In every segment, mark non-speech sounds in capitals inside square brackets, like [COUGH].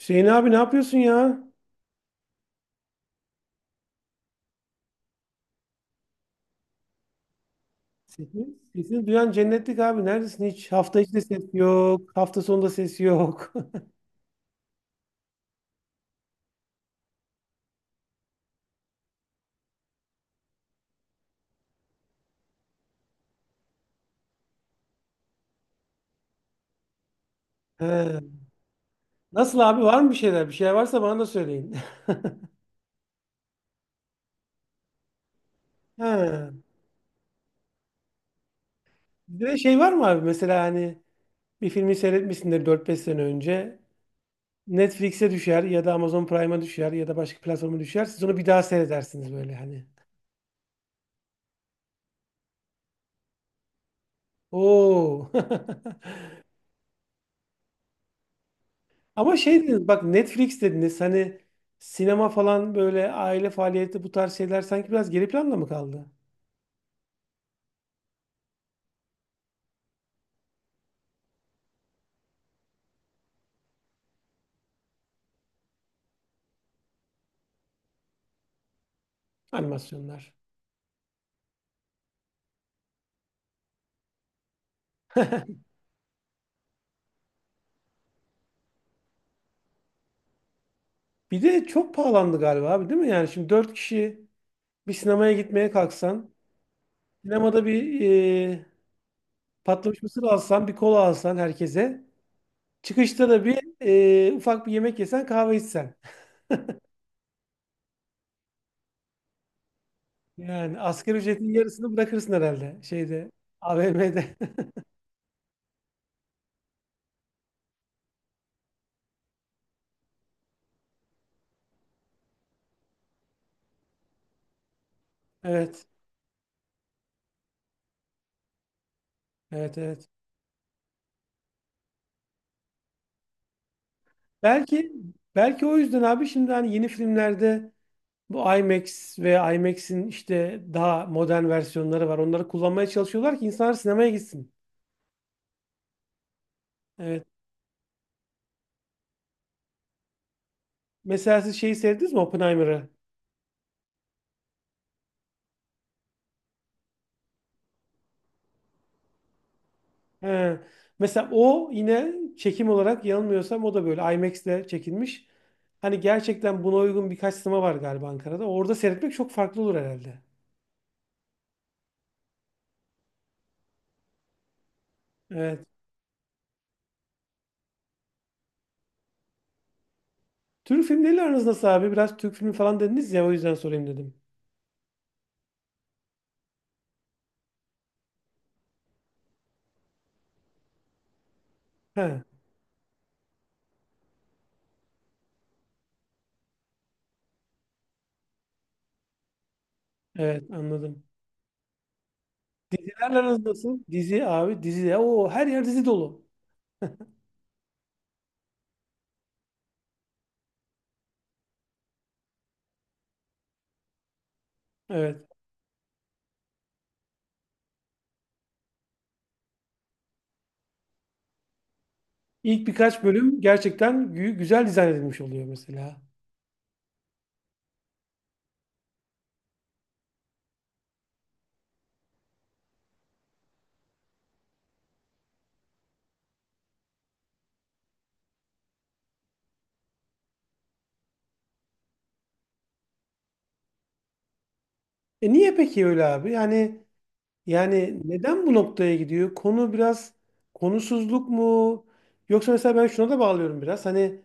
Hüseyin abi, ne yapıyorsun ya? Sesin. Sesini duyan cennetlik abi. Neredesin hiç? Hafta içi de ses yok, hafta sonunda ses yok. [LAUGHS] He. Nasıl abi, var mı bir şeyler? Bir şeyler varsa bana da söyleyin. [LAUGHS] He. Bir de şey var mı abi? Mesela hani bir filmi seyretmişsindir 4-5 sene önce. Netflix'e düşer ya da Amazon Prime'a düşer ya da başka platforma düşer. Siz onu bir daha seyredersiniz böyle hani. Oo. [LAUGHS] Ama şey dediniz bak, Netflix dediniz hani, sinema falan böyle aile faaliyeti, bu tarz şeyler sanki biraz geri planda mı kaldı? Animasyonlar. Bir de çok pahalandı galiba abi, değil mi? Yani şimdi 4 kişi bir sinemaya gitmeye kalksan, sinemada bir e, patlamış mısır alsan, bir kola alsan herkese, çıkışta da bir ufak bir yemek yesen, kahve içsen. [LAUGHS] Yani asgari ücretin yarısını bırakırsın herhalde şeyde, AVM'de. [LAUGHS] Evet. Evet, evet. Belki belki o yüzden abi, şimdi hani yeni filmlerde bu IMAX ve IMAX'in işte daha modern versiyonları var. Onları kullanmaya çalışıyorlar ki insanlar sinemaya gitsin. Evet. Mesela siz şeyi sevdiniz mi, Oppenheimer'ı? He. Mesela o yine çekim olarak yanılmıyorsam o da böyle IMAX'le çekilmiş. Hani gerçekten buna uygun birkaç sinema var galiba Ankara'da. Orada seyretmek çok farklı olur herhalde. Evet. Türk filmleriyle aranız nasıl abi? Biraz Türk filmi falan dediniz ya, o yüzden sorayım dedim. He. Evet, anladım. Dizilerle aranız nasıl? Dizi abi, dizi ya. O her yer dizi dolu. Evet. İlk birkaç bölüm gerçekten güzel dizayn edilmiş oluyor mesela. E niye peki öyle abi? Yani neden bu noktaya gidiyor? Konu biraz, konusuzluk mu? Yoksa mesela ben şuna da bağlıyorum biraz. Hani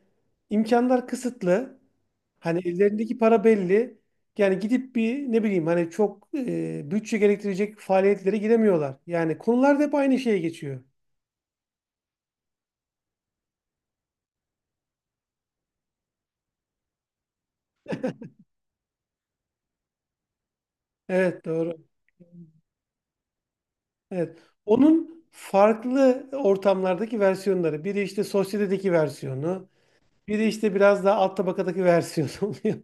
imkanlar kısıtlı. Hani ellerindeki para belli. Yani gidip bir ne bileyim hani çok bütçe gerektirecek faaliyetlere giremiyorlar. Yani konular da hep aynı şeye geçiyor. Evet, doğru. Evet. Onun farklı ortamlardaki versiyonları. Biri işte sosyetedeki versiyonu. Biri işte biraz daha alt tabakadaki versiyonu [LAUGHS] oluyor.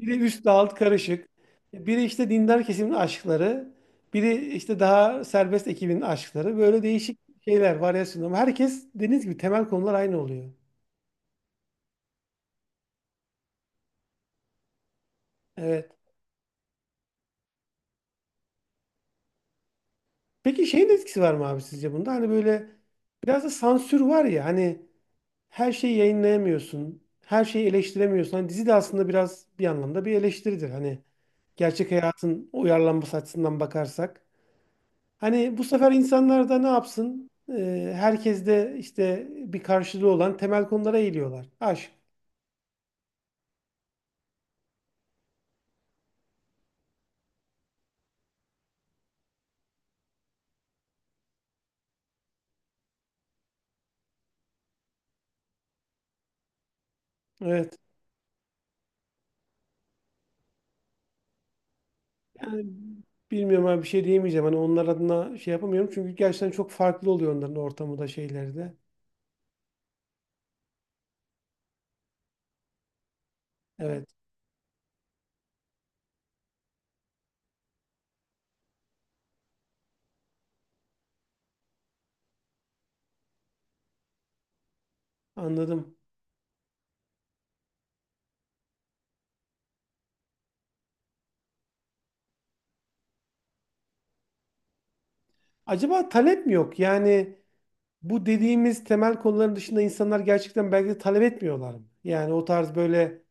Biri üstle alt karışık. Biri işte dindar kesimin aşkları. Biri işte daha serbest ekibin aşkları. Böyle değişik şeyler, varyasyonlar. Ama herkes dediğiniz gibi temel konular aynı oluyor. Evet. Peki şeyin etkisi var mı abi sizce bunda? Hani böyle biraz da sansür var ya hani, her şeyi yayınlayamıyorsun, her şeyi eleştiremiyorsun. Hani dizi de aslında biraz bir anlamda bir eleştiridir. Hani gerçek hayatın uyarlanması açısından bakarsak. Hani bu sefer insanlar da ne yapsın? Herkes de işte bir karşılığı olan temel konulara eğiliyorlar. Aşk. Evet. Yani bilmiyorum abi, bir şey diyemeyeceğim. Hani onlar adına şey yapamıyorum. Çünkü gerçekten çok farklı oluyor onların ortamı da şeyleri de. Evet, anladım. Acaba talep mi yok? Yani bu dediğimiz temel konuların dışında insanlar gerçekten belki de talep etmiyorlar mı? Yani o tarz böyle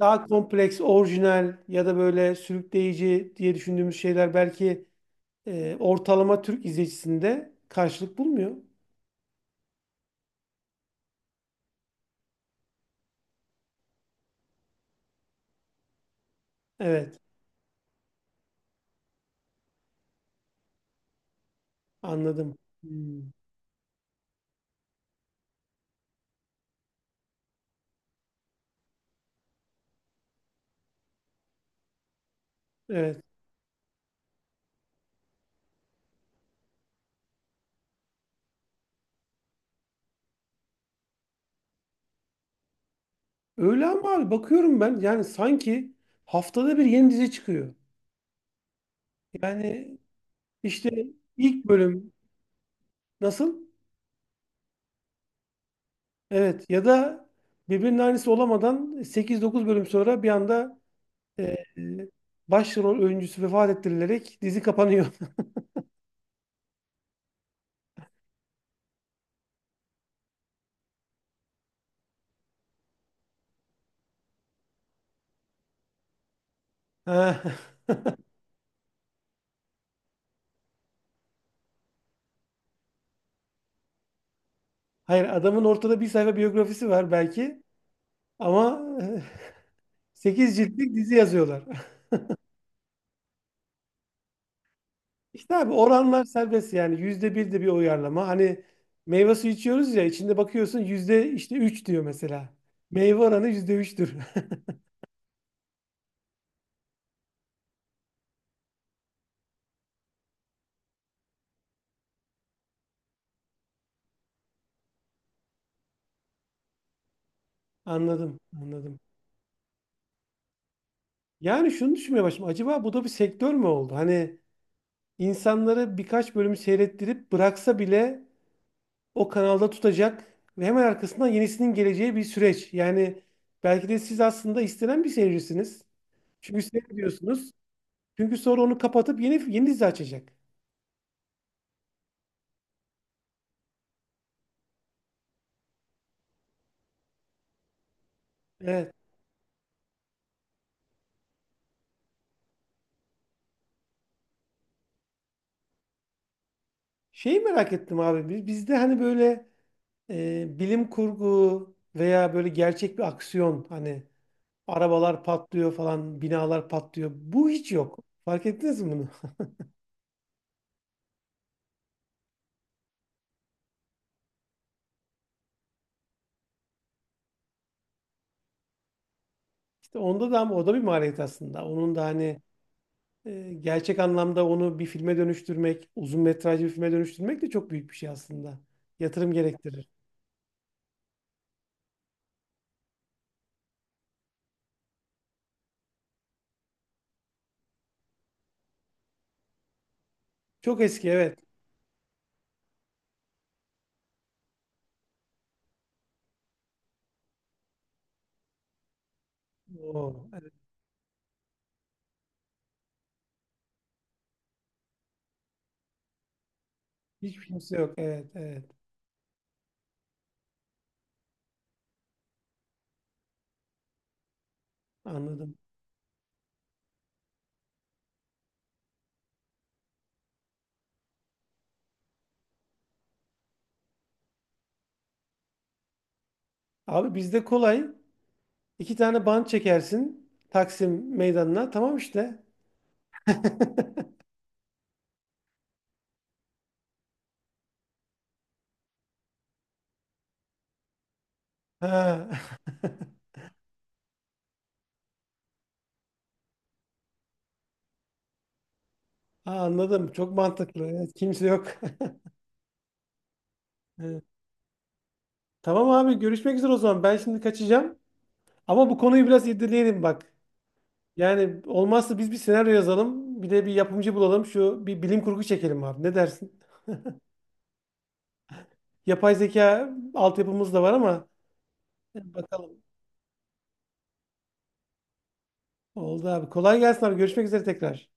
daha kompleks, orijinal ya da böyle sürükleyici diye düşündüğümüz şeyler belki ortalama Türk izleyicisinde karşılık bulmuyor. Evet, anladım. Hmm, evet. Öyle ama abi, bakıyorum ben yani sanki haftada bir yeni dizi çıkıyor. Yani işte ilk bölüm nasıl? Evet, ya da birbirinin aynısı olamadan 8-9 bölüm sonra bir anda Ee, başrol oyuncusu vefat ettirilerek dizi kapanıyor. [LAUGHS] Ha. Hayır, adamın ortada bir sayfa biyografisi var belki ama 8 ciltlik dizi yazıyorlar. [LAUGHS] İşte abi, oranlar serbest yani yüzde bir de bir uyarlama. Hani meyve suyu içiyoruz ya, içinde bakıyorsun yüzde işte 3 diyor mesela. Meyve oranı %3'tür. [LAUGHS] Anladım, anladım. Yani şunu düşünmeye başladım. Acaba bu da bir sektör mü oldu? Hani insanları birkaç bölüm seyrettirip bıraksa bile o kanalda tutacak ve hemen arkasından yenisinin geleceği bir süreç. Yani belki de siz aslında istenen bir seyircisiniz. Çünkü seyrediyorsunuz. Çünkü sonra onu kapatıp yeni yeni dizi açacak. Evet. Şeyi merak ettim abi. Bizde hani böyle bilim kurgu veya böyle gerçek bir aksiyon, hani arabalar patlıyor falan, binalar patlıyor. Bu hiç yok. Fark ettiniz mi bunu? [LAUGHS] İşte onda da ama o da bir maliyet aslında. Onun da hani gerçek anlamda onu bir filme dönüştürmek, uzun metrajlı bir filme dönüştürmek de çok büyük bir şey aslında. Yatırım gerektirir. Çok eski, evet. Oo, evet. Hiçbir kimse yok. Evet, evet. Anladım. Abi, bizde kolay. 2 tane bant çekersin Taksim meydanına. Tamam işte. [LAUGHS] Ha. [LAUGHS] Ha, anladım. Çok mantıklı. Evet, kimse yok. [LAUGHS] Evet. Tamam abi, görüşmek üzere o zaman. Ben şimdi kaçacağım. Ama bu konuyu biraz irdeleyelim bak. Yani olmazsa biz bir senaryo yazalım. Bir de bir yapımcı bulalım. Şu bir bilim kurgu çekelim abi. Ne dersin? Yapay zeka altyapımız da var ama bakalım. Oldu abi. Kolay gelsin abi. Görüşmek üzere tekrar.